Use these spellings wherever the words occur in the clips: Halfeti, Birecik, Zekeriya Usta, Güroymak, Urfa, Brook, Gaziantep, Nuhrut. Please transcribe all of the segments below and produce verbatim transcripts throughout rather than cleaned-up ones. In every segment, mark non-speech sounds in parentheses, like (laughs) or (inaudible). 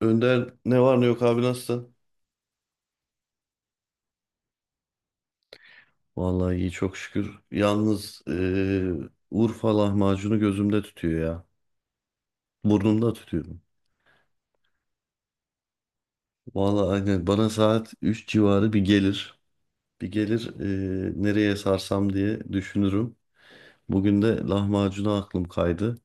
Önder ne var ne yok abi nasılsın? Vallahi iyi çok şükür. Yalnız eee, Urfa lahmacunu gözümde tutuyor ya. Burnumda tutuyorum. Vallahi aynen bana saat üç civarı bir gelir. Bir gelir eee, nereye sarsam diye düşünürüm. Bugün de lahmacuna aklım kaydı.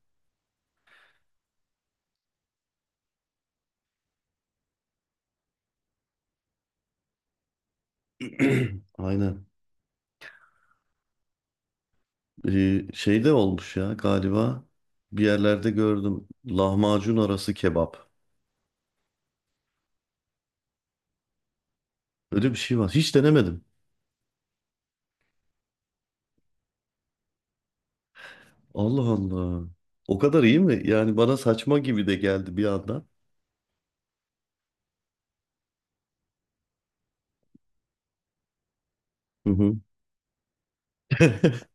(clears throat) Aynen. Eee, şey de olmuş ya galiba bir yerlerde gördüm. Lahmacun arası kebap. Öyle bir şey var. Hiç denemedim. Allah Allah. O kadar iyi mi? Yani bana saçma gibi de geldi bir anda. Hı hı. (laughs)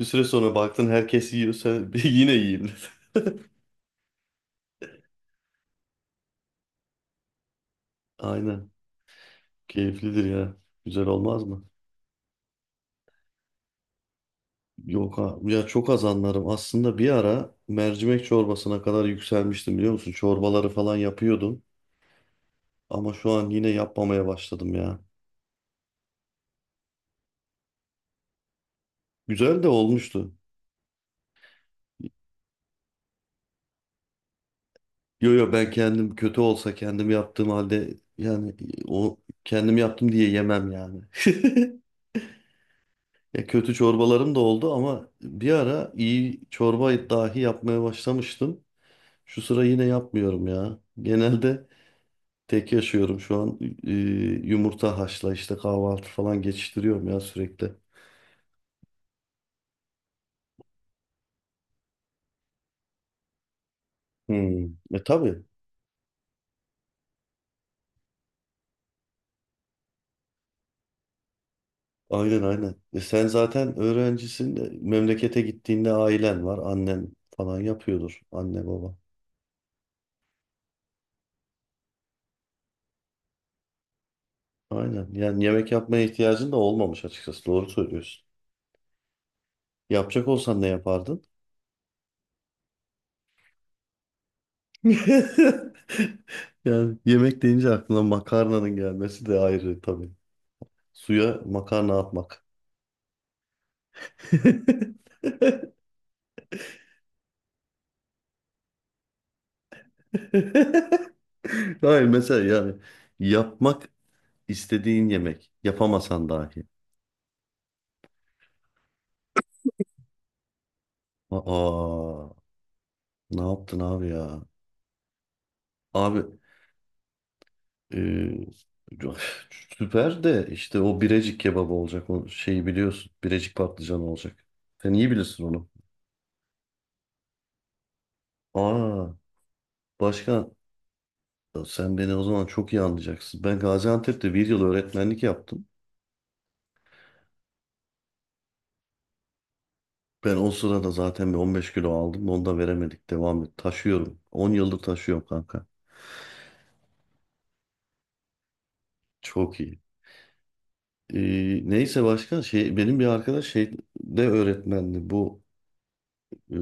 Bir süre sonra baktın herkes yiyor sen (laughs) yine yiyeyim dedin. Aynen. Keyiflidir ya. Güzel olmaz mı? Yok ha. Ya çok az anlarım. Aslında bir ara mercimek çorbasına kadar yükselmiştim biliyor musun? Çorbaları falan yapıyordum. Ama şu an yine yapmamaya başladım ya. Güzel de olmuştu. Yo yo ben kendim kötü olsa kendim yaptığım halde yani o kendim yaptım diye yemem yani. (laughs) Ya kötü çorbalarım da oldu ama bir ara iyi çorba dahi yapmaya başlamıştım. Şu sıra yine yapmıyorum ya. Genelde tek yaşıyorum şu an. Ee, yumurta haşla işte kahvaltı falan geçiştiriyorum ya sürekli. Hmm. E tabii. Aynen aynen. E sen zaten öğrencisin de memlekete gittiğinde ailen var. Annen falan yapıyordur. Anne baba. Aynen. Yani yemek yapmaya ihtiyacın da olmamış açıkçası. Doğru söylüyorsun. Yapacak olsan ne yapardın? (laughs) Yani yemek deyince aklına makarnanın gelmesi de ayrı tabii. Suya makarna atmak. (laughs) Hayır mesela yani yapmak istediğin yemek. Yapamasan dahi. Aa, ne yaptın abi ya? Abi, e, süper de işte o Birecik kebabı olacak. O şeyi biliyorsun. Birecik patlıcanı olacak. Sen iyi bilirsin onu. Aa, başka. Ya sen beni o zaman çok iyi anlayacaksın. Ben Gaziantep'te bir yıl öğretmenlik yaptım. Ben o sırada zaten bir on beş kilo aldım. Onu da veremedik. Devam et. Taşıyorum. on yıldır taşıyorum kanka. Çok iyi. Ee, neyse başka şey benim bir arkadaş şey de öğretmendi. Bu e,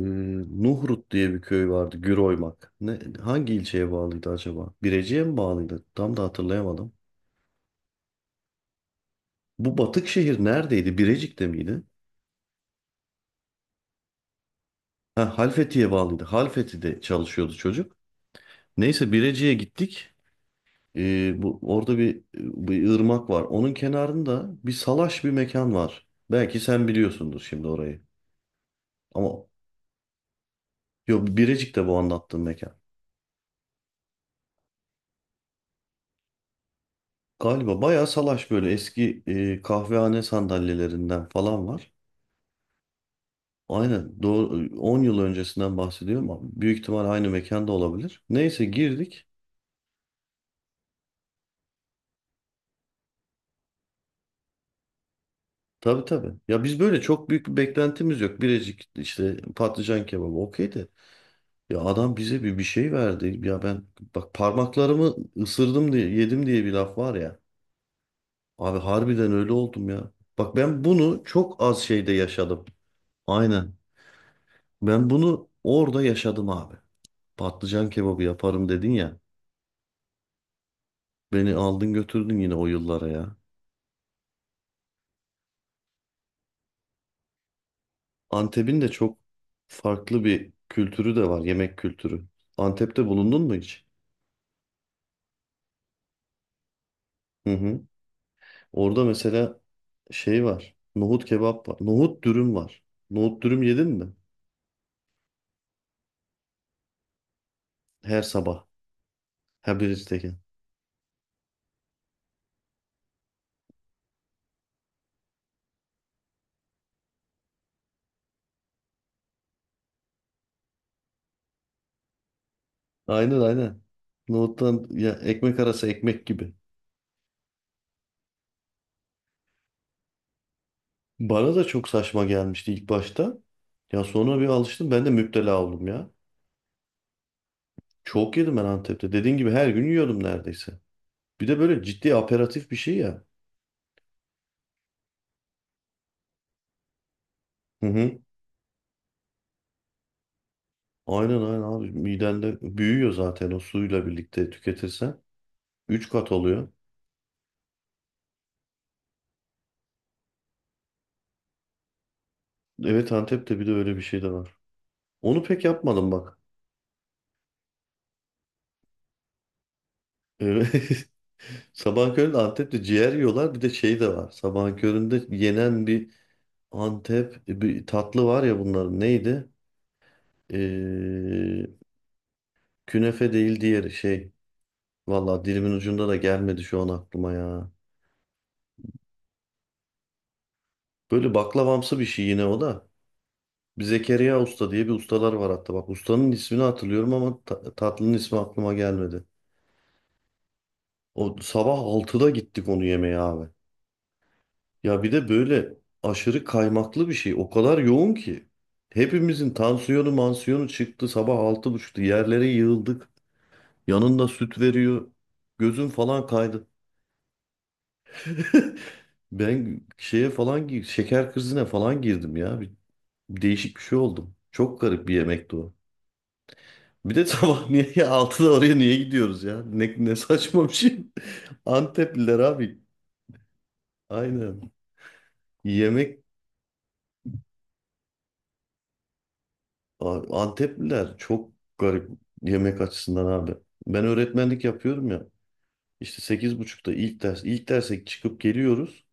Nuhrut diye bir köy vardı. Güroymak. Ne, hangi ilçeye bağlıydı acaba? Birecik'e mi bağlıydı? Tam da hatırlayamadım. Bu batık şehir neredeydi? Birecik'te miydi? Ha, Halfeti'ye bağlıydı. Halfeti'de çalışıyordu çocuk. Neyse Birecik'e gittik. Ee, bu orada bir bir ırmak var. Onun kenarında bir salaş bir mekan var. Belki sen biliyorsundur şimdi orayı. Ama yok Birecik'te bu anlattığım mekan. Galiba bayağı salaş böyle eski e, kahvehane sandalyelerinden falan var. Aynen doğru on yıl öncesinden bahsediyorum ama büyük ihtimal aynı mekanda olabilir. Neyse girdik. Tabii tabii. Ya biz böyle çok büyük bir beklentimiz yok. Birecik işte patlıcan kebabı okey de. Ya adam bize bir bir şey verdi. Ya ben bak parmaklarımı ısırdım diye yedim diye bir laf var ya. Abi harbiden öyle oldum ya. Bak ben bunu çok az şeyde yaşadım. Aynen. Ben bunu orada yaşadım abi. Patlıcan kebabı yaparım dedin ya. Beni aldın götürdün yine o yıllara ya. Antep'in de çok farklı bir kültürü de var, yemek kültürü. Antep'te bulundun mu hiç? Hı hı. Orada mesela şey var. Nohut kebap var. Nohut dürüm var. Nohut dürüm yedin mi? Her sabah. Her biristeki. Aynen aynen. Nohuttan ya ekmek arası ekmek gibi. Bana da çok saçma gelmişti ilk başta. Ya sonra bir alıştım ben de müptela oldum ya. Çok yedim ben Antep'te. Dediğin gibi her gün yiyordum neredeyse. Bir de böyle ciddi aperatif bir şey ya. Hı hı. Aynen aynen abi. Midende büyüyor zaten o suyla birlikte tüketirsen. Üç kat oluyor. Evet Antep'te bir de öyle bir şey de var. Onu pek yapmadım bak. Evet. (laughs) Sabahın köründe Antep'te ciğer yiyorlar. Bir de şey de var. Sabahın köründe yenen bir Antep bir tatlı var ya bunların neydi? Ee, künefe değil diğeri şey. Valla dilimin ucunda da gelmedi şu an aklıma ya. Böyle baklavamsı bir şey yine o da. Bir Zekeriya Usta diye bir ustalar var hatta. Bak ustanın ismini hatırlıyorum ama ta- tatlının ismi aklıma gelmedi. O sabah altıda gittik onu yemeye abi. Ya bir de böyle aşırı kaymaklı bir şey. O kadar yoğun ki. Hepimizin tansiyonu mansiyonu çıktı. Sabah altı buçukta yerlere yığıldık. Yanında süt veriyor. Gözüm falan kaydı. (laughs) Ben şeye falan gir, şeker krizine falan girdim ya. Bir, değişik bir şey oldum. Çok garip bir yemekti o. Bir de (laughs) sabah niye ya altıda oraya niye gidiyoruz ya? Ne, ne saçma bir şey. (laughs) Antepliler abi. Aynen. Yemek Abi, Antepliler çok garip yemek açısından abi. Ben öğretmenlik yapıyorum ya. İşte sekiz buçukta ilk ders, ilk derse çıkıp geliyoruz.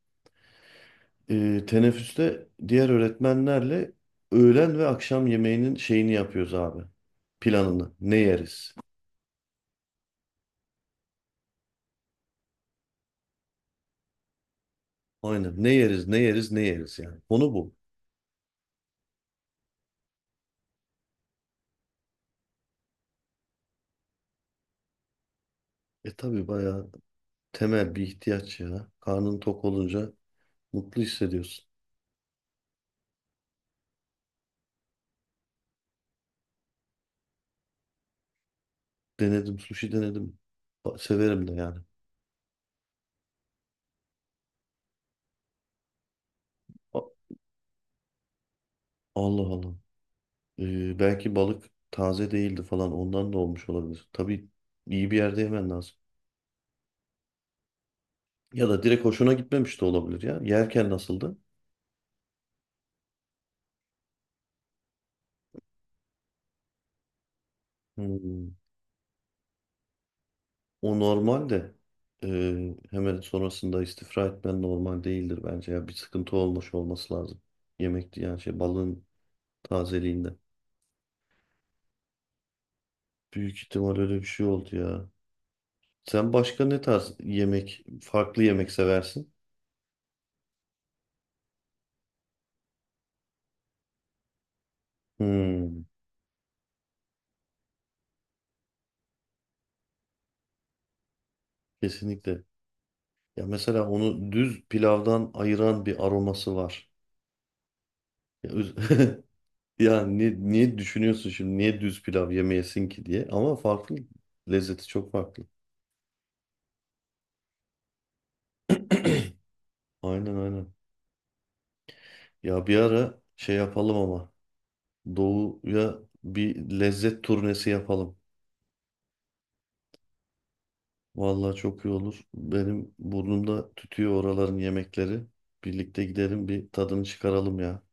Ee, teneffüste diğer öğretmenlerle öğlen ve akşam yemeğinin şeyini yapıyoruz abi. Planını. Ne yeriz? Aynen. Ne yeriz, ne yeriz, ne yeriz yani. Konu bu. E tabii bayağı temel bir ihtiyaç ya. Karnın tok olunca mutlu hissediyorsun. Denedim, sushi denedim. Ba- Severim de yani. A- Allah Allah. Ee, belki balık taze değildi falan ondan da olmuş olabilir. Tabii iyi bir yerde yemen lazım. Ya da direkt hoşuna gitmemiş de olabilir ya. Yerken nasıldı? Hmm. O normal de ee, hemen sonrasında istifra etmen normal değildir bence. Ya bir sıkıntı olmuş olması lazım. Yemekti yani şey balığın tazeliğinde. Büyük ihtimal öyle bir şey oldu ya. Sen başka ne tarz yemek, farklı yemek seversin? Hmm, kesinlikle. Ya mesela onu düz pilavdan ayıran bir aroması var. Ya, öz- (laughs) ya niye, niye düşünüyorsun şimdi niye düz pilav yemeyesin ki diye ama farklı lezzeti çok farklı. Aynen aynen. Ya bir ara şey yapalım ama doğuya bir lezzet turnesi yapalım. Vallahi çok iyi olur. Benim burnumda tütüyor oraların yemekleri. Birlikte gidelim bir tadını çıkaralım ya.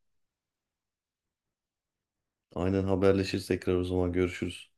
Aynen haberleşiriz tekrar o zaman görüşürüz.